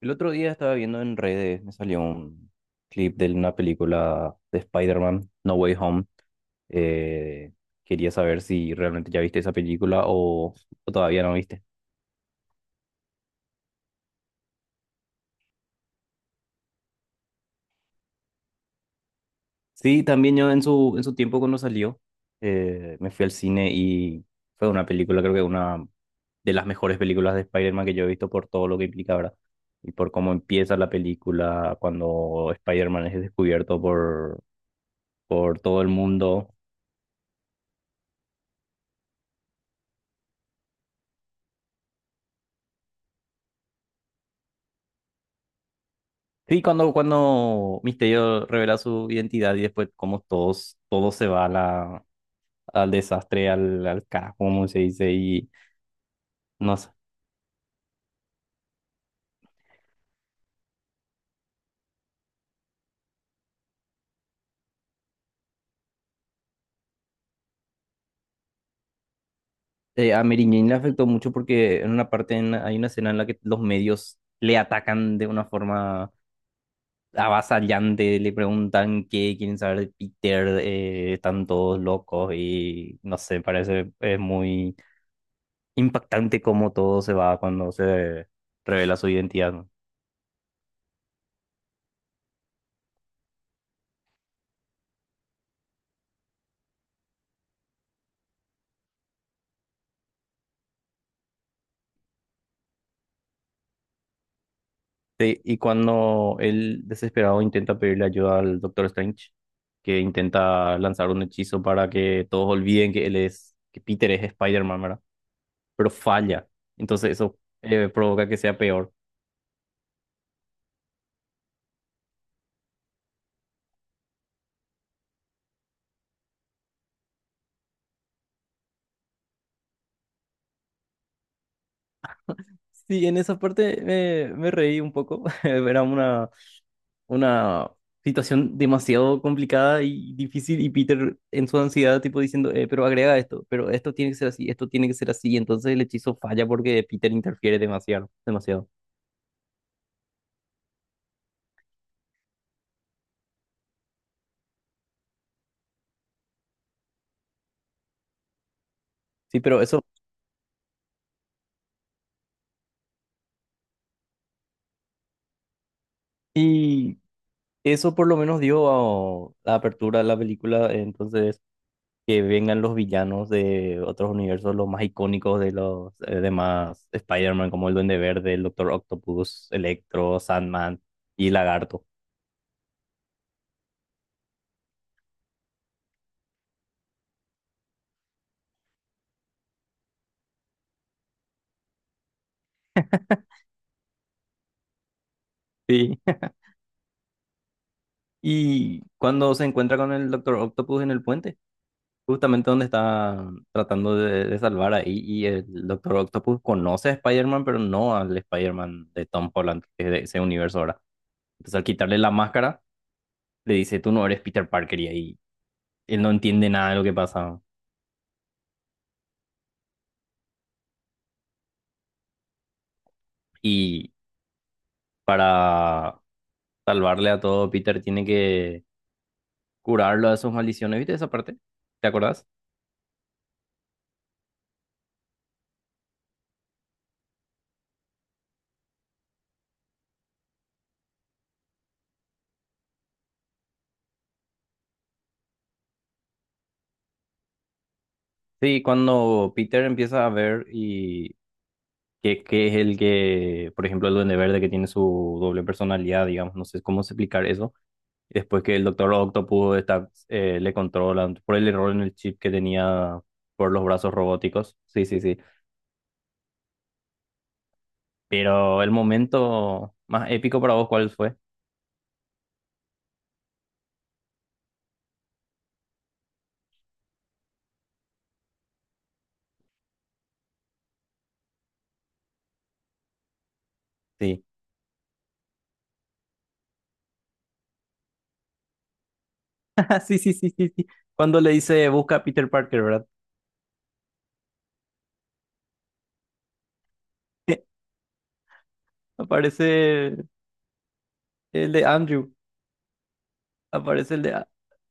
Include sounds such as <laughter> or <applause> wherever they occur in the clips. El otro día estaba viendo en redes, me salió un clip de una película de Spider-Man, No Way Home. Eh, Quería saber si realmente ya viste esa película o todavía no viste. Sí, también yo en en su tiempo cuando salió, me fui al cine y fue una película, creo que una de las mejores películas de Spider-Man que yo he visto por todo lo que implica, ¿verdad? Y por cómo empieza la película cuando Spider-Man es descubierto por todo el mundo. Sí, cuando Misterio revela su identidad y después como todo se va a al desastre, al carajo, como se dice, y no sé. A Mary Jane le afectó mucho porque en una parte hay una escena en la que los medios le atacan de una forma avasallante, le preguntan qué quieren saber de Peter, están todos locos y no sé, parece es muy impactante cómo todo se va cuando se revela su identidad, ¿no? Sí, y cuando él desesperado intenta pedirle ayuda al Doctor Strange, que intenta lanzar un hechizo para que todos olviden que que Peter es Spider-Man, ¿verdad? Pero falla. Entonces eso provoca que sea peor. Sí, en esa parte me reí un poco. <laughs> Era una situación demasiado complicada y difícil, y Peter en su ansiedad tipo diciendo, pero agrega esto, pero esto tiene que ser así, esto tiene que ser así." Y entonces el hechizo falla porque Peter interfiere demasiado, demasiado. Sí, pero eso, y eso por lo menos dio la apertura de la película, entonces que vengan los villanos de otros universos, los más icónicos de los demás Spider-Man, como el Duende Verde, el Doctor Octopus, Electro, Sandman y Lagarto. Sí. <laughs> Y cuando se encuentra con el Doctor Octopus en el puente, justamente donde está tratando de salvar ahí, y el Doctor Octopus conoce a Spider-Man, pero no al Spider-Man de Tom Holland, que es de ese universo ahora. Entonces al quitarle la máscara le dice, tú no eres Peter Parker, y ahí él no entiende nada de lo que pasa. Y para salvarle a todo, Peter tiene que curarlo de sus maldiciones. ¿Viste esa parte? ¿Te acordás? Sí, cuando Peter empieza a ver y que es el que, por ejemplo, el Duende Verde que tiene su doble personalidad, digamos, no sé cómo explicar eso. Después que el Doctor Octopus está, le controla por el error en el chip que tenía por los brazos robóticos. Sí, sí, sí. Pero el momento más épico para vos, ¿cuál fue? Sí. <laughs> Sí, sí, sí, sí, sí. Cuando le dice busca a Peter Parker, ¿verdad? <laughs> Aparece el de Andrew. Aparece el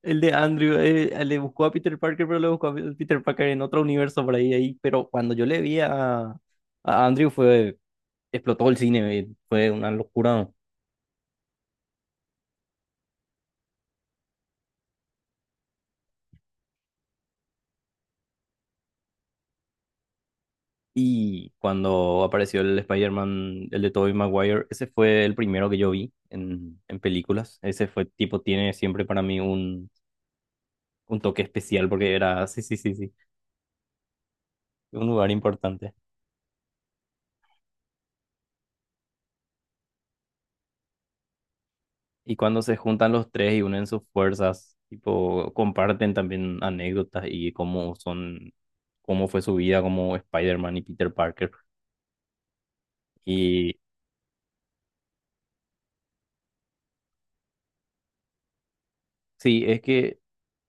el de Andrew. Eh, le buscó a Peter Parker, pero le buscó a Peter Parker en otro universo por ahí, ahí. Pero cuando yo le vi a Andrew fue, explotó el cine, fue una locura, ¿no? Y cuando apareció el Spider-Man, el de Tobey Maguire, ese fue el primero que yo vi en películas. Ese fue tipo, tiene siempre para mí un toque especial porque era, <laughs> sí, sí, sí, sí, un lugar importante. Y cuando se juntan los tres y unen sus fuerzas, tipo, comparten también anécdotas y cómo son, cómo fue su vida como Spider-Man y Peter Parker. Y sí, es que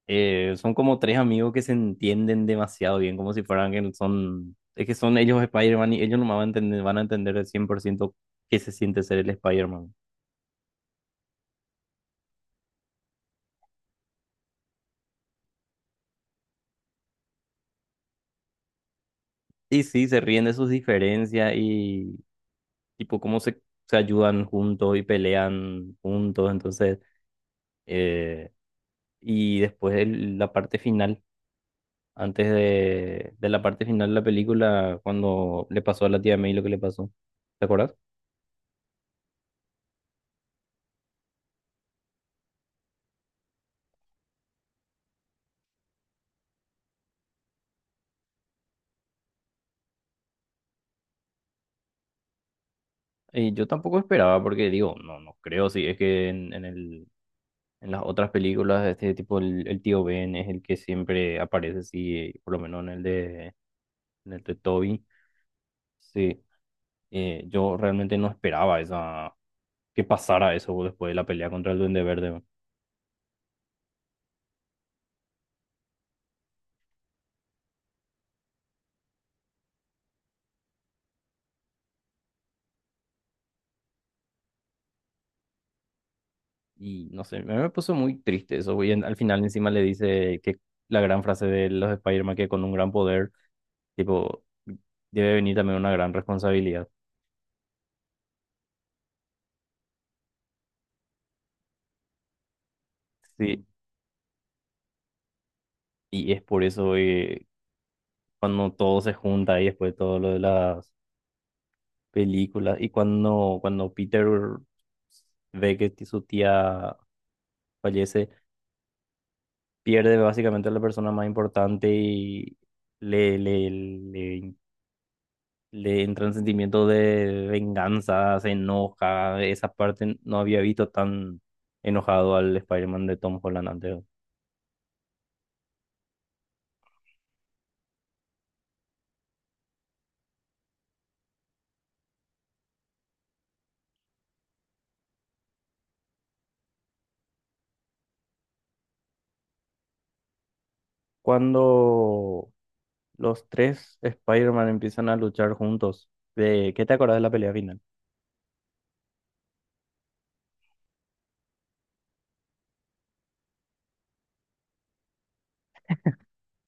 Son como tres amigos que se entienden demasiado bien, como si fueran que son, es que son ellos Spider-Man, y ellos no van a entender, van a entender al ciento qué se siente ser el Spider-Man. Y sí, se ríen de sus diferencias y tipo cómo se ayudan juntos y pelean juntos, entonces, eh, y después la parte final, antes de la parte final de la película, cuando le pasó a la tía May lo que le pasó, ¿te acuerdas? Y yo tampoco esperaba, porque digo, no, no creo, sí, es que en en las otras películas de este tipo, el tío Ben es el que siempre aparece, sí, por lo menos en el de Toby, sí. Yo realmente no esperaba esa, que pasara eso después de la pelea contra el Duende Verde, ¿no? Y no sé, me puso muy triste eso, y al final encima le dice que la gran frase de los Spider-Man, que con un gran poder, tipo, debe venir también una gran responsabilidad. Sí, y es por eso cuando todo se junta y después todo lo de las películas y cuando Peter ve que su tía fallece, pierde básicamente a la persona más importante y le, le, le, le entran sentimiento de venganza, se enoja. Esa parte no había visto tan enojado al Spider-Man de Tom Holland antes. Cuando los tres Spider-Man empiezan a luchar juntos, ¿qué te acordás de la pelea final?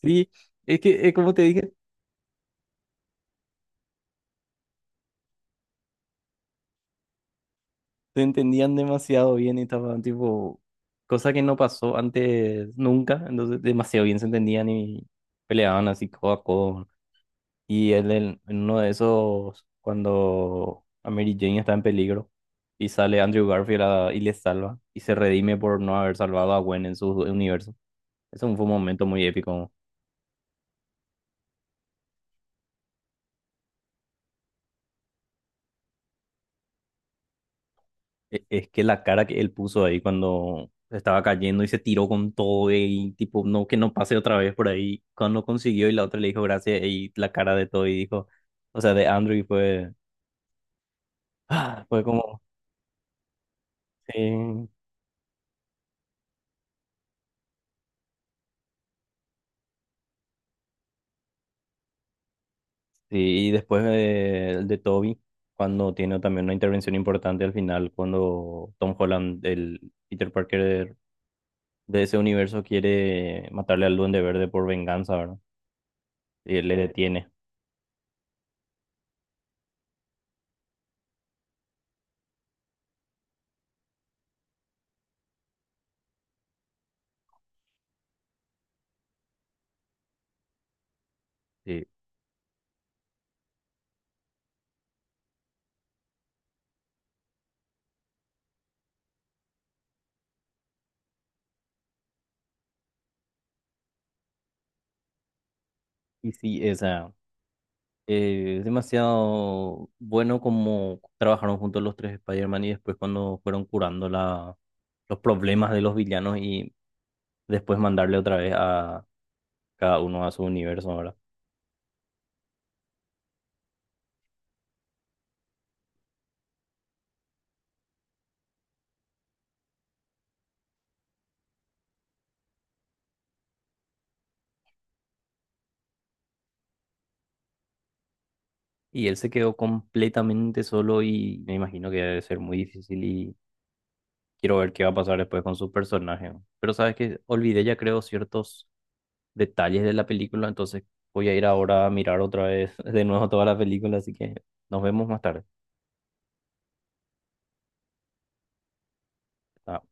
Sí, es que, como te dije, te entendían demasiado bien y estaban tipo, cosa que no pasó antes nunca, entonces demasiado bien se entendían y peleaban así codo a codo. Y él en uno de esos, cuando a Mary Jane está en peligro y sale Andrew Garfield y le salva y se redime por no haber salvado a Gwen en su universo. Eso fue un momento muy épico. E- Es que la cara que él puso ahí cuando estaba cayendo y se tiró con todo y tipo, no, que no pase otra vez por ahí, cuando consiguió y la otra le dijo gracias y la cara de todo y dijo, o sea, de Andrew fue, ah, fue como, sí, sí, y después de Toby, cuando tiene también una intervención importante al final, cuando Tom Holland, el Peter Parker de, de ese universo, quiere matarle al Duende Verde por venganza, ¿verdad? Y él le detiene. Sí. Y sí, esa... es demasiado bueno como trabajaron juntos los tres Spider-Man y después cuando fueron curando los problemas de los villanos y después mandarle otra vez a cada uno a su universo ahora. Y él se quedó completamente solo y me imagino que debe ser muy difícil y quiero ver qué va a pasar después con su personaje, ¿no? Pero sabes que olvidé ya creo ciertos detalles de la película, entonces voy a ir ahora a mirar otra vez <laughs> de nuevo toda la película, así que nos vemos más tarde. Ah,